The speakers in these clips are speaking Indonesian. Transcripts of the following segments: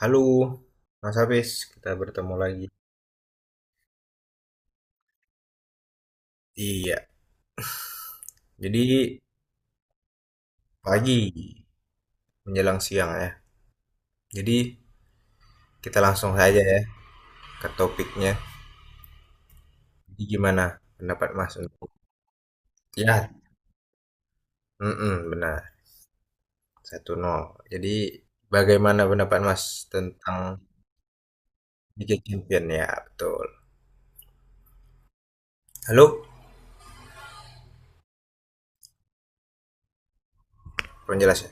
Halo, Mas Hafiz, kita bertemu lagi. Iya, jadi pagi menjelang siang ya. Jadi kita langsung saja ya ke topiknya. Jadi gimana pendapat Mas untuk ya? Mm-mm, benar, satu nol. Jadi bagaimana pendapat Mas tentang Liga Champion ya? Betul. Halo, penjelas ya?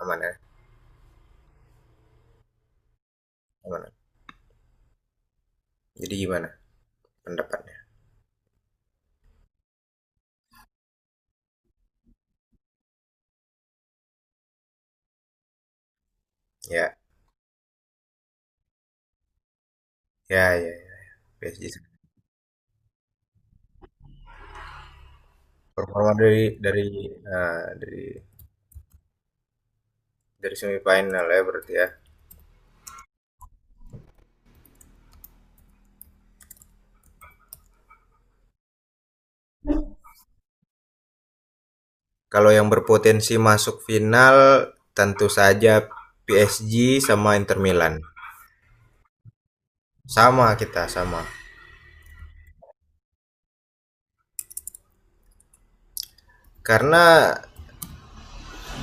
Aman ya? Aman, ya? Jadi gimana pendapatnya? Ya, ya, ya, ya. PSG performa dari eh, dari dari semifinal ya berarti ya. Kalau yang berpotensi masuk final tentu saja PSG sama Inter Milan. Sama kita sama. Karena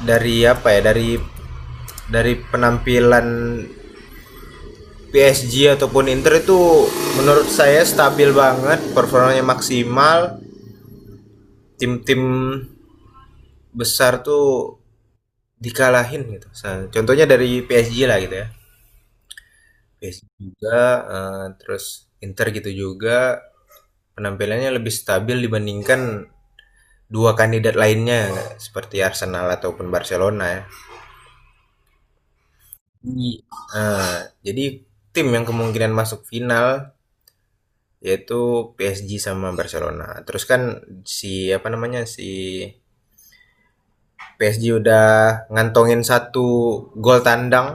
dari apa ya dari penampilan PSG ataupun Inter itu menurut saya stabil banget, performanya maksimal. Tim-tim besar tuh dikalahin gitu. Contohnya dari PSG lah gitu ya. Basic juga, terus Inter gitu juga, penampilannya lebih stabil dibandingkan dua kandidat lainnya seperti Arsenal ataupun Barcelona ya. Jadi, eee, jadi, tim yang kemungkinan masuk final yaitu PSG sama Barcelona. Terus kan si apa namanya, si PSG udah ngantongin satu gol tandang,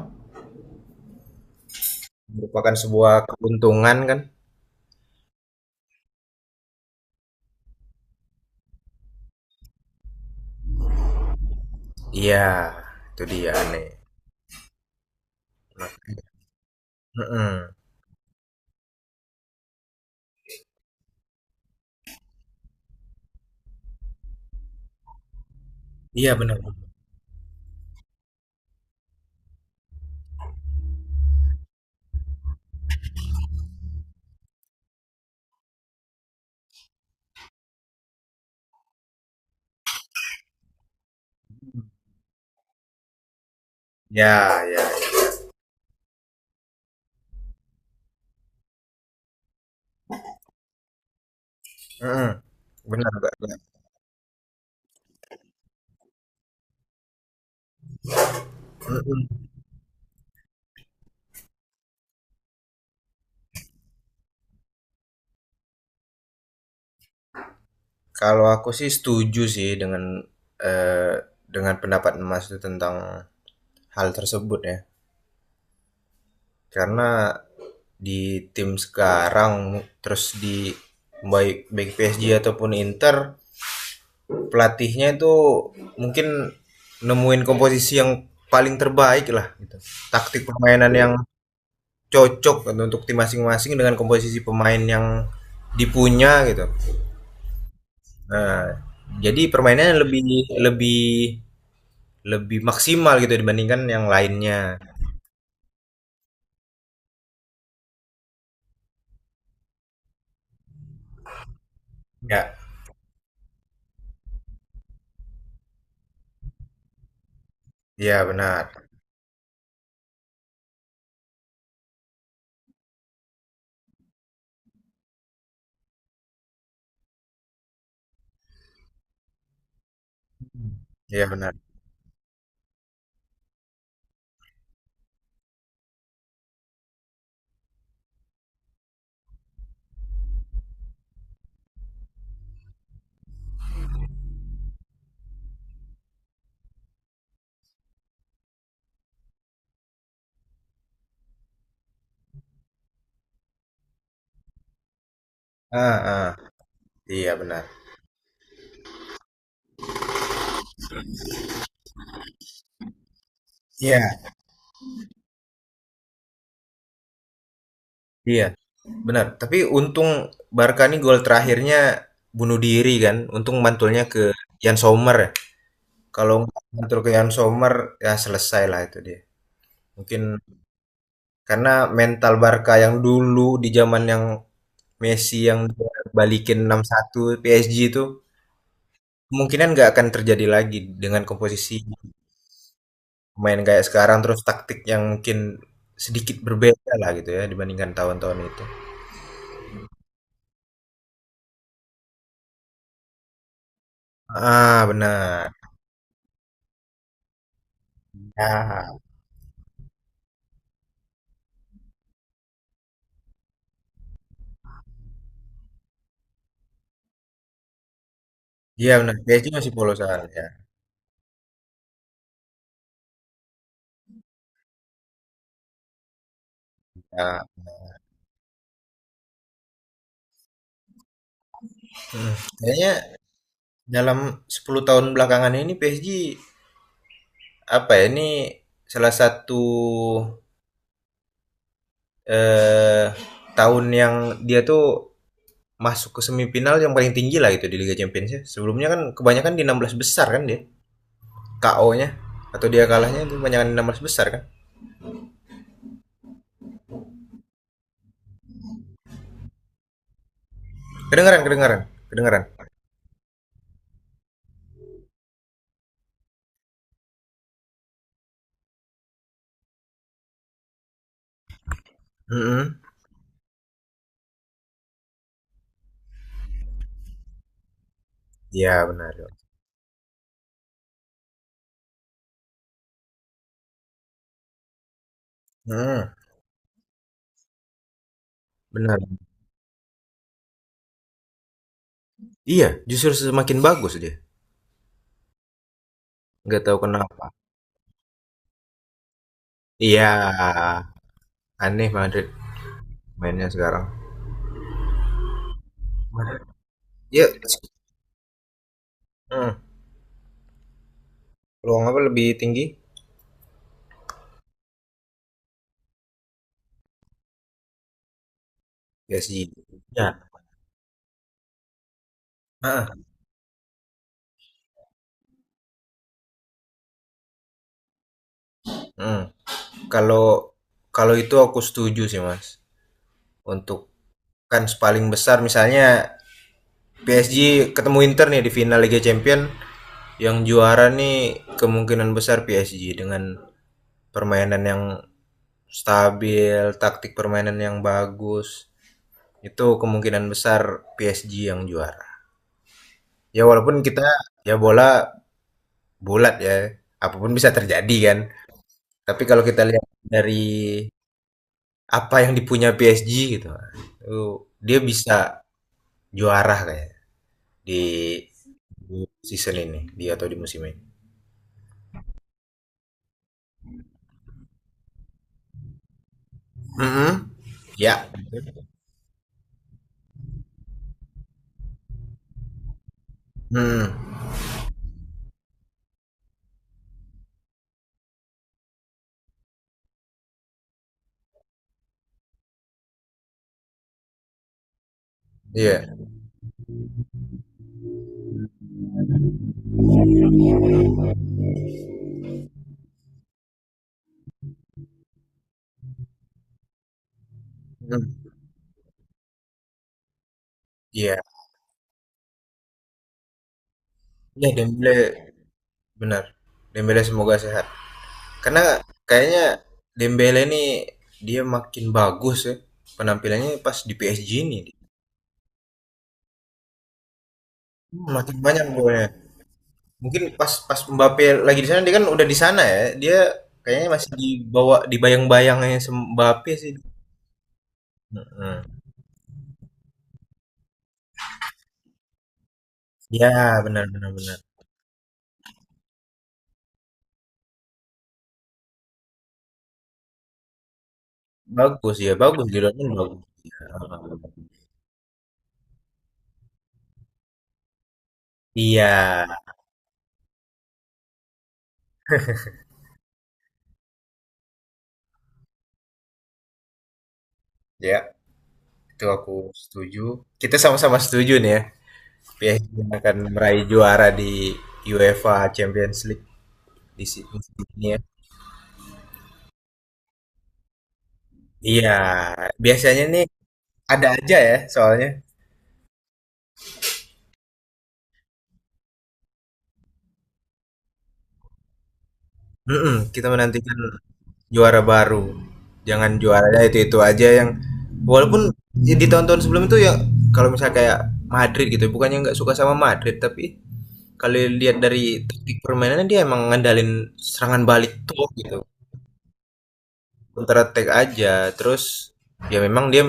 merupakan sebuah keuntungan kan. Iya, itu dia nih. Mhm, iya benar. Ya, ya. Mhm. Benar, Mbak, ya. Mhm. Kalau aku sih setuju sih eee, dengan pendapat Mas itu tentang hal tersebut ya. Karena di tim sekarang, terus di baik baik PSG ataupun Inter, pelatihnya itu mungkin nemuin komposisi yang paling terbaik lah gitu. Taktik permainan yang cocok gitu untuk tim masing-masing dengan komposisi pemain yang dipunya gitu. Nah, jadi permainannya lebih lebih lebih maksimal gitu dibandingkan yang lainnya. Ya, iya benar. Iya benar. Ah, ah, iya benar. Iya, iya benar. Tapi untung Barca nih gol terakhirnya bunuh diri kan. Untung mantulnya ke Jan Sommer ya. Kalau nggak mantul ke Jan Sommer ya selesai lah itu dia. Mungkin karena mental Barca yang dulu di zaman yang Messi yang dia balikin 6-1 PSG itu kemungkinan nggak akan terjadi lagi dengan komposisi pemain kayak sekarang, terus taktik yang mungkin sedikit berbeda lah gitu ya dibandingkan tahun-tahun itu. Ah benar. Nah, iya bener, PSG masih polosan ya. Nah, mhm, kayaknya dalam 10 tahun belakangan ini PSG, apa ya, ini salah satu, eee, tahun yang dia tuh masuk ke semifinal yang paling tinggi lah gitu di Liga Champions ya. Sebelumnya kan kebanyakan di 16 besar kan dia? KO-nya atau dia kalahnya itu kebanyakan 16 besar kan? Kedengaran, kedengaran, kedengaran. Mm-mm. Iya benar. Mm, benar. Iya, justru semakin bagus dia. Nggak tahu kenapa. Iya, aneh Madrid mainnya sekarang. Ya, mm, peluang apa lebih tinggi? Ya sih. Ya. Heeh. Mm. Kalau kalau itu aku setuju sih mas. Untuk kan paling besar misalnya PSG ketemu Inter nih di final Liga Champion. Yang juara nih kemungkinan besar PSG dengan permainan yang stabil, taktik permainan yang bagus. Itu kemungkinan besar PSG yang juara. Ya walaupun kita ya bola bulat ya, apapun bisa terjadi kan. Tapi kalau kita lihat dari apa yang dipunya PSG gitu, dia bisa juara kayak di season ini, dia atau di musim ini. Mm-mm. Ya. Hmm. Iya. Hmm. Iya. Ya Dembele benar. Dembele semoga sehat. Karena kayaknya Dembele nih dia makin bagus ya penampilannya pas di PSG ini. Hmm, makin banyak golnya. Mungkin pas pas Mbappe lagi di sana dia kan udah di sana ya. Dia kayaknya masih dibawa dibayang-bayangnya Mbappe sih. Heeh. Ya benar benar benar. Bagus ya bagus di Dortmund bagus. Ya. Iya, ya, itu aku setuju. Kita sama-sama setuju nih ya. PSG akan meraih juara di UEFA Champions League di musim ini ya. Iya, biasanya nih ada aja ya soalnya. Mm-mm, kita menantikan juara baru. Jangan juaranya itu-itu aja yang walaupun ya di tahun-tahun sebelum itu ya kalau misalnya kayak Madrid gitu, bukannya nggak suka sama Madrid tapi kalau lihat dari taktik permainannya dia emang ngandalin serangan balik tuh gitu. Counter attack aja. Terus ya memang dia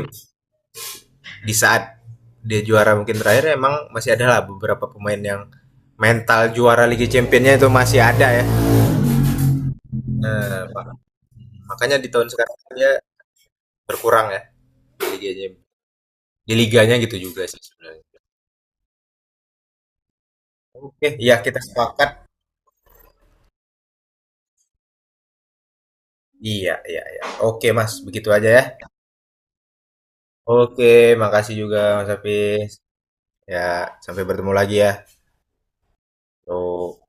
di saat dia juara mungkin terakhir emang masih ada lah beberapa pemain yang mental juara Liga Championnya itu masih ada ya. Nah, makanya di tahun sekarang dia berkurang ya di liganya, di liganya gitu juga sih sebenarnya. Oke, iya kita sepakat. Iya, iya, iya. Oke, Mas, begitu aja ya. Oke, makasih juga Mas Hafiz. Ya, sampai bertemu lagi ya. Tuh.